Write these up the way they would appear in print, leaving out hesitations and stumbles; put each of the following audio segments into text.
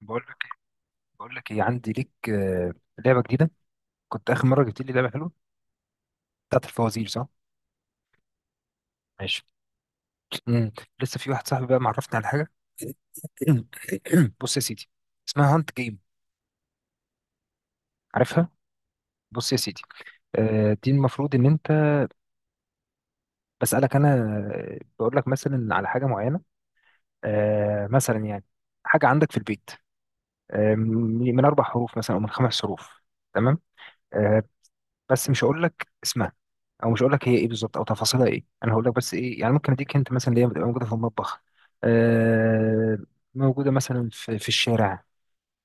بقول لك بقول لك ايه عندي ليك لعبه جديده. كنت اخر مره جبت لي لعبه حلوه بتاعت الفوازير، صح؟ ماشي. مم. لسه في واحد صاحبي بقى معرفني على حاجه. بص يا سيدي، اسمها هانت جيم. عارفها؟ بص يا سيدي، دي المفروض ان انت، بسالك انا، بقول لك مثلا على حاجه معينه. مثلا يعني حاجه عندك في البيت، من 4 حروف مثلا او من 5 حروف. تمام؟ آه، بس مش هقول لك اسمها، او مش هقول لك هي ايه بالظبط او تفاصيلها ايه. انا هقول لك بس ايه يعني ممكن اديك انت، مثلا اللي هي بتبقى موجوده في المطبخ، آه موجوده مثلا في الشارع،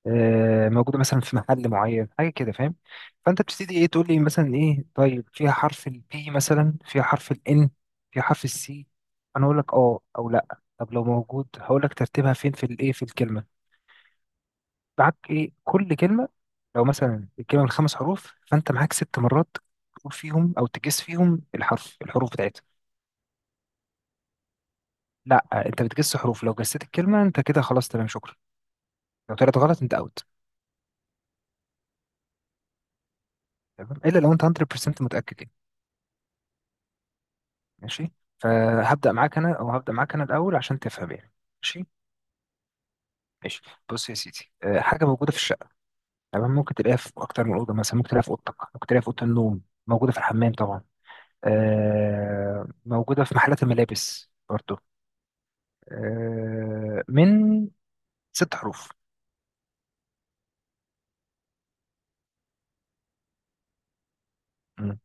آه موجوده مثلا في محل معين، حاجه كده، فاهم؟ فانت بتبتدي ايه، تقول لي مثلا ايه، طيب فيها حرف البي مثلا، فيها حرف الان، فيها حرف السي. انا اقول لك اه او لا. طب لو موجود هقول لك ترتيبها فين في الايه، في الكلمه. معاك ايه كل كلمه، لو مثلا الكلمه من 5 حروف فانت معاك 6 مرات تقول فيهم او تجس فيهم الحرف، الحروف بتاعتها. لا انت بتجس حروف، لو جسيت الكلمه انت كده خلاص، تمام، شكرا. لو طلعت غلط انت اوت. تمام الا لو انت 100% متاكد يعني. ماشي. فهبدا معاك انا، او هبدا معاك انا الاول عشان تفهم يعني. ماشي. ماشي. بص يا سيدي، حاجه موجوده في الشقه، تمام؟ ممكن تلاقيها في اكتر من اوضه، مثلا ممكن تلاقيها في اوضتك، ممكن تلاقيها في اوضه النوم. موجوده في الحمام طبعا. موجوده في محلات الملابس برضه. من 6 حروف. مم.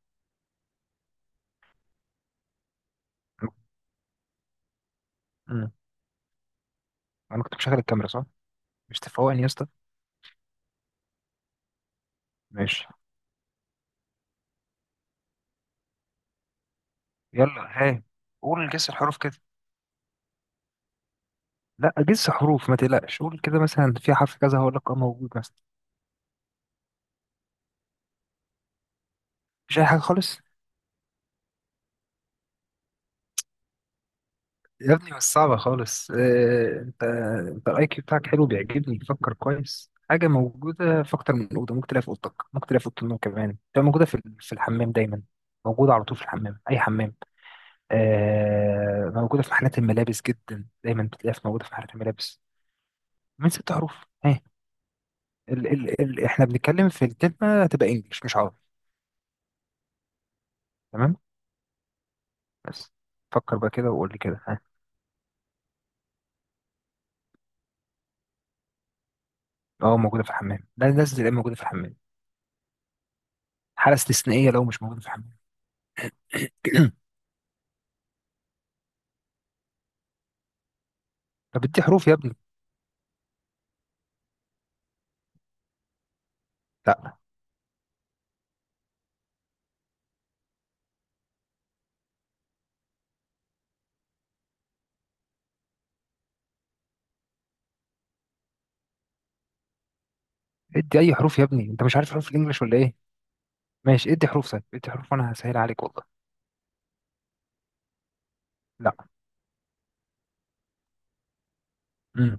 مم. انا كنت مشغل الكاميرا، صح؟ مش تفوقني يا اسطى. ماشي. يلا هاي، قول جس الحروف كده. لا جس حروف، ما تقلقش، قول كده مثلا في حرف كذا، هقول لك اه موجود مثلا. مش اي حاجه خالص. يا ابني مش صعبه خالص. انت، انت الاي كيو بتاعك حلو، بيعجبني، بتفكر كويس. حاجه موجوده في اكتر من اوضه، ممكن تلاقيها في اوضتك، ممكن تلاقيها في اوضه النوم كمان، تبقى موجوده في في الحمام دايما. موجوده على طول في الحمام، اي حمام. موجودة في محلات الملابس جدا، دايما بتلاقيها موجودة في محلات الملابس. من 6 حروف. اهي. ال ال ال احنا بنتكلم في الكلمة هتبقى انجلش مش عربي. تمام؟ بس فكر بقى كده وقول لي كده، ها. اه موجودة في الحمام، ده لازم تبقى موجودة في الحمام. حالة استثنائية لو مش موجودة في الحمام. طب ادي حروف يا ابني. لا، ادي اي حروف يا ابني، انت مش عارف حروف الانجليش ولا ايه؟ ماشي ادي حروف، طيب ادي حروف وانا هسهل عليك والله. لا. امم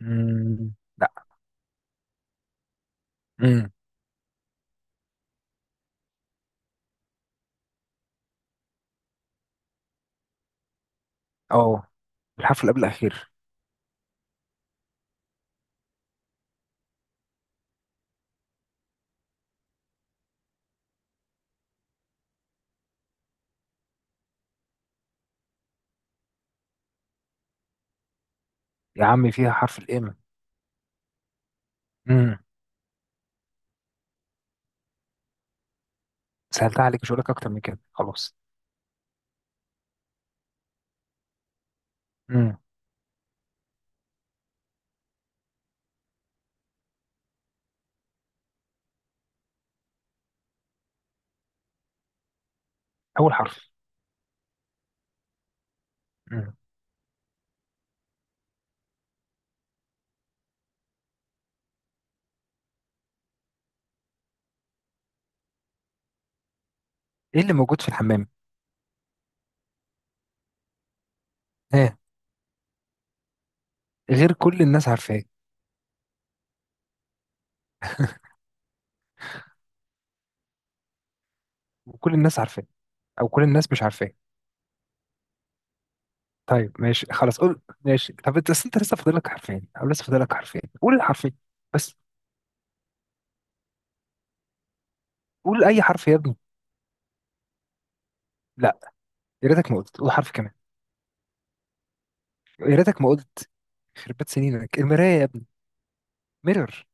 لا. امم اه الحرف اللي قبل الاخير. يا عم فيها حرف الام. امم سهلتها عليك، مش هقول لك اكتر من كده خلاص. امم اول حرف. امم ايه اللي موجود في الحمام؟ ها. غير كل الناس عارفاه. وكل الناس عارفاه، او كل الناس مش عارفاه. طيب ماشي خلاص، قول ماشي. طب انت بس، انت لسه فاضل لك حرفين، او لسه فاضل لك حرفين، قول الحرفين بس. قول اي حرف يا ابني. لا. يا ريتك ما قلت، قول حرف كمان. يا ريتك ما قلت. خربت سنينك، المرايه يا ابني، ميرور.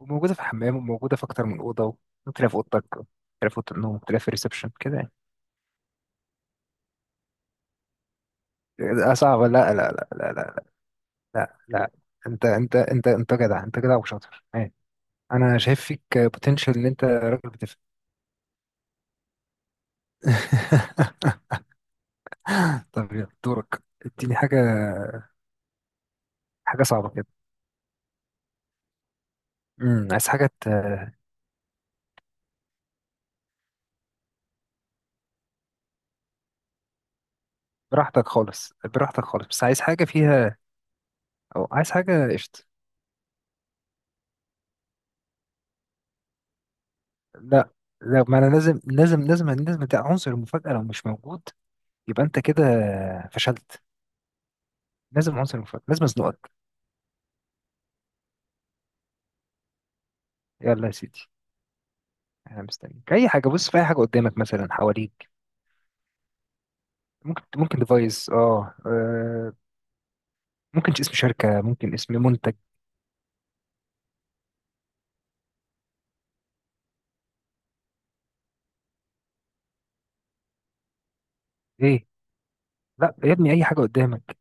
وموجوده في الحمام، وموجوده في اكتر من اوضه، ممكن تلاقيها في اوضتك، ممكن تلاقيها في اوضه النوم، ممكن تلاقيها في الريسبشن كده يعني. صعب؟ لا، لا، لا، لا، لا. لا، لا، انت، انت جدع، انت جدع وشاطر. ايه؟ انا شايف فيك بوتنشال ان انت راجل بتفهم. طب يلا دورك، اديني حاجه، حاجه صعبه كده. عايز حاجه براحتك خالص، براحتك خالص، بس عايز حاجه فيها، او عايز حاجه قشط. لا، لا ما انا لازم، لازم ده عنصر المفاجاه. لو مش موجود يبقى انت كده فشلت. لازم عنصر المفاجاه، لازم ازنقك. يلا يا سيدي، انا مستنيك. اي حاجه، بص في اي حاجه قدامك مثلا، حواليك. ممكن ديفايس، اه، ممكن اسم شركة، ممكن اسم منتج. ايه؟ لا يا ابني، اي حاجة قدامك،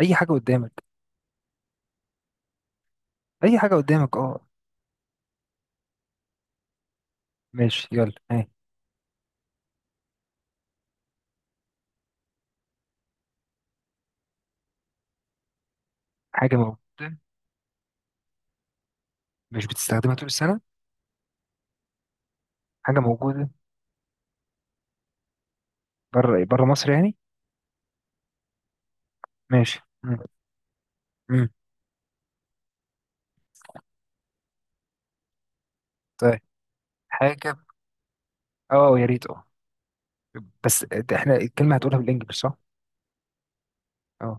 اي حاجة قدامك، اي حاجة قدامك اه. ماشي يلا، ها. حاجة موجودة، مش بتستخدمها طول السنة. حاجة موجودة بره، بره مصر يعني؟ ماشي. مم. مم. طيب. حاجة اه، يا ريت اه. بس ده احنا الكلمة هتقولها بالانجلش صح؟ اه،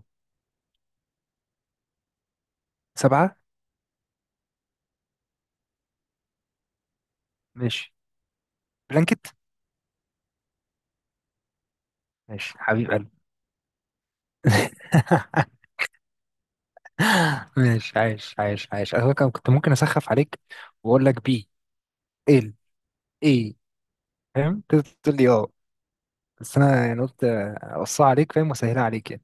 7. ماشي. بلانكت. ماشي حبيب قلبي. ماشي عايش، عايش. انا كنت ممكن اسخف عليك واقول لك بي، ال، ايه. فاهم؟ تقدر تقول لي اه، بس انا يعني قلت اوصيها عليك، فاهم، واسهلها عليك يعني.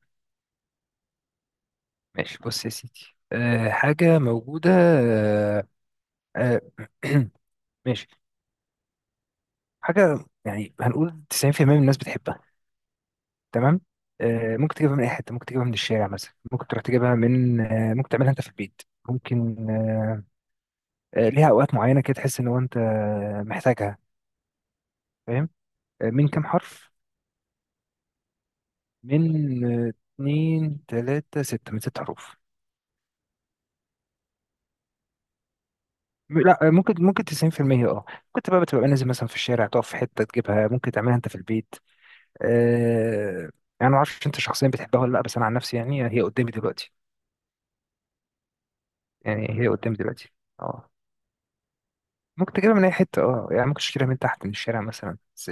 ماشي بص يا سيدي، حاجه موجوده، أه أه ماشي. حاجه يعني هنقول 90% من الناس بتحبها. تمام؟ ممكن تجيبها من اي حته، ممكن تجيبها من الشارع مثلا، ممكن تروح تجيبها من ممكن تعملها انت في البيت. ممكن ليها اوقات معينه كده تحس ان هو انت محتاجها، فاهم؟ من كام حرف؟ من اتنين تلاتة ستة، من 6 حروف. لا ممكن، ممكن 90% اه. كنت بقى بتبقى نازل مثلا في الشارع تقف في حتة تجيبها، ممكن تعملها انت في البيت. آه يعني ما اعرفش انت شخصيا بتحبها ولا لا، بس انا عن نفسي يعني هي قدامي دلوقتي، يعني هي قدامي دلوقتي. اه ممكن تجيبها من اي حتة اه، يعني ممكن تشتريها من تحت من الشارع مثلا بس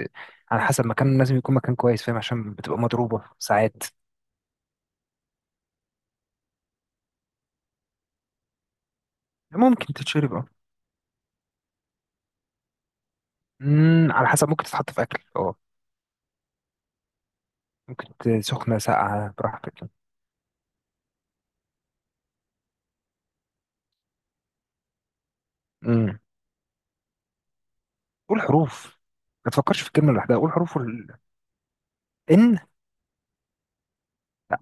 على حسب مكان، لازم يكون مكان كويس فاهم، عشان بتبقى مضروبة ساعات. ممكن تتشرب اه. مم، على حسب، ممكن تتحط في اكل اه. ممكن سخنة ساقعة براحتك. امم قول حروف، ما تفكرش في الكلمة لوحدها، قول حروف ال... ان. لا.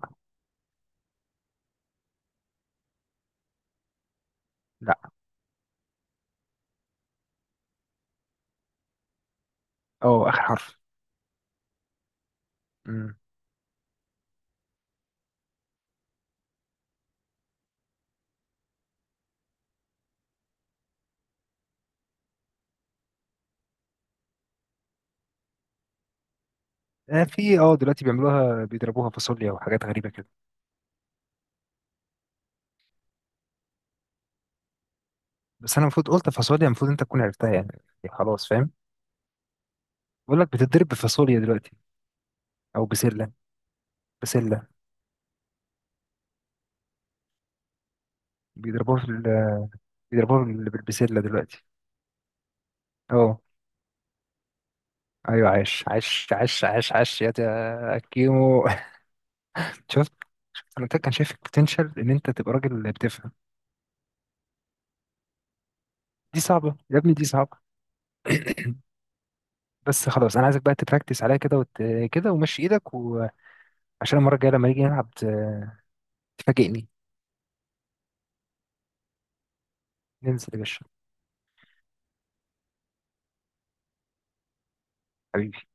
لا، اه اخر حرف. امم في اه دلوقتي بيعملوها، بيضربوها فاصوليا وحاجات غريبة كده. بس انا المفروض قلت فاصوليا، المفروض انت تكون عرفتها يعني، إيه، خلاص فاهم. بقول لك بتضرب بفاصوليا دلوقتي، او بسلة، بسلة. بيضربوها في ال... بيضربوها بالبسلة دلوقتي. اه، ايوه، عاش يا كيمو. شفت؟ انا كان شايفك بوتنشال ان انت تبقى راجل بتفهم. دي صعبة يا ابني، دي صعبة. بس خلاص انا عايزك بقى تبراكتس عليا كده، كده ومشي ايدك، وعشان المره الجايه لما نيجي نلعب تفاجئني. ننزل يا باشا. حبيبي.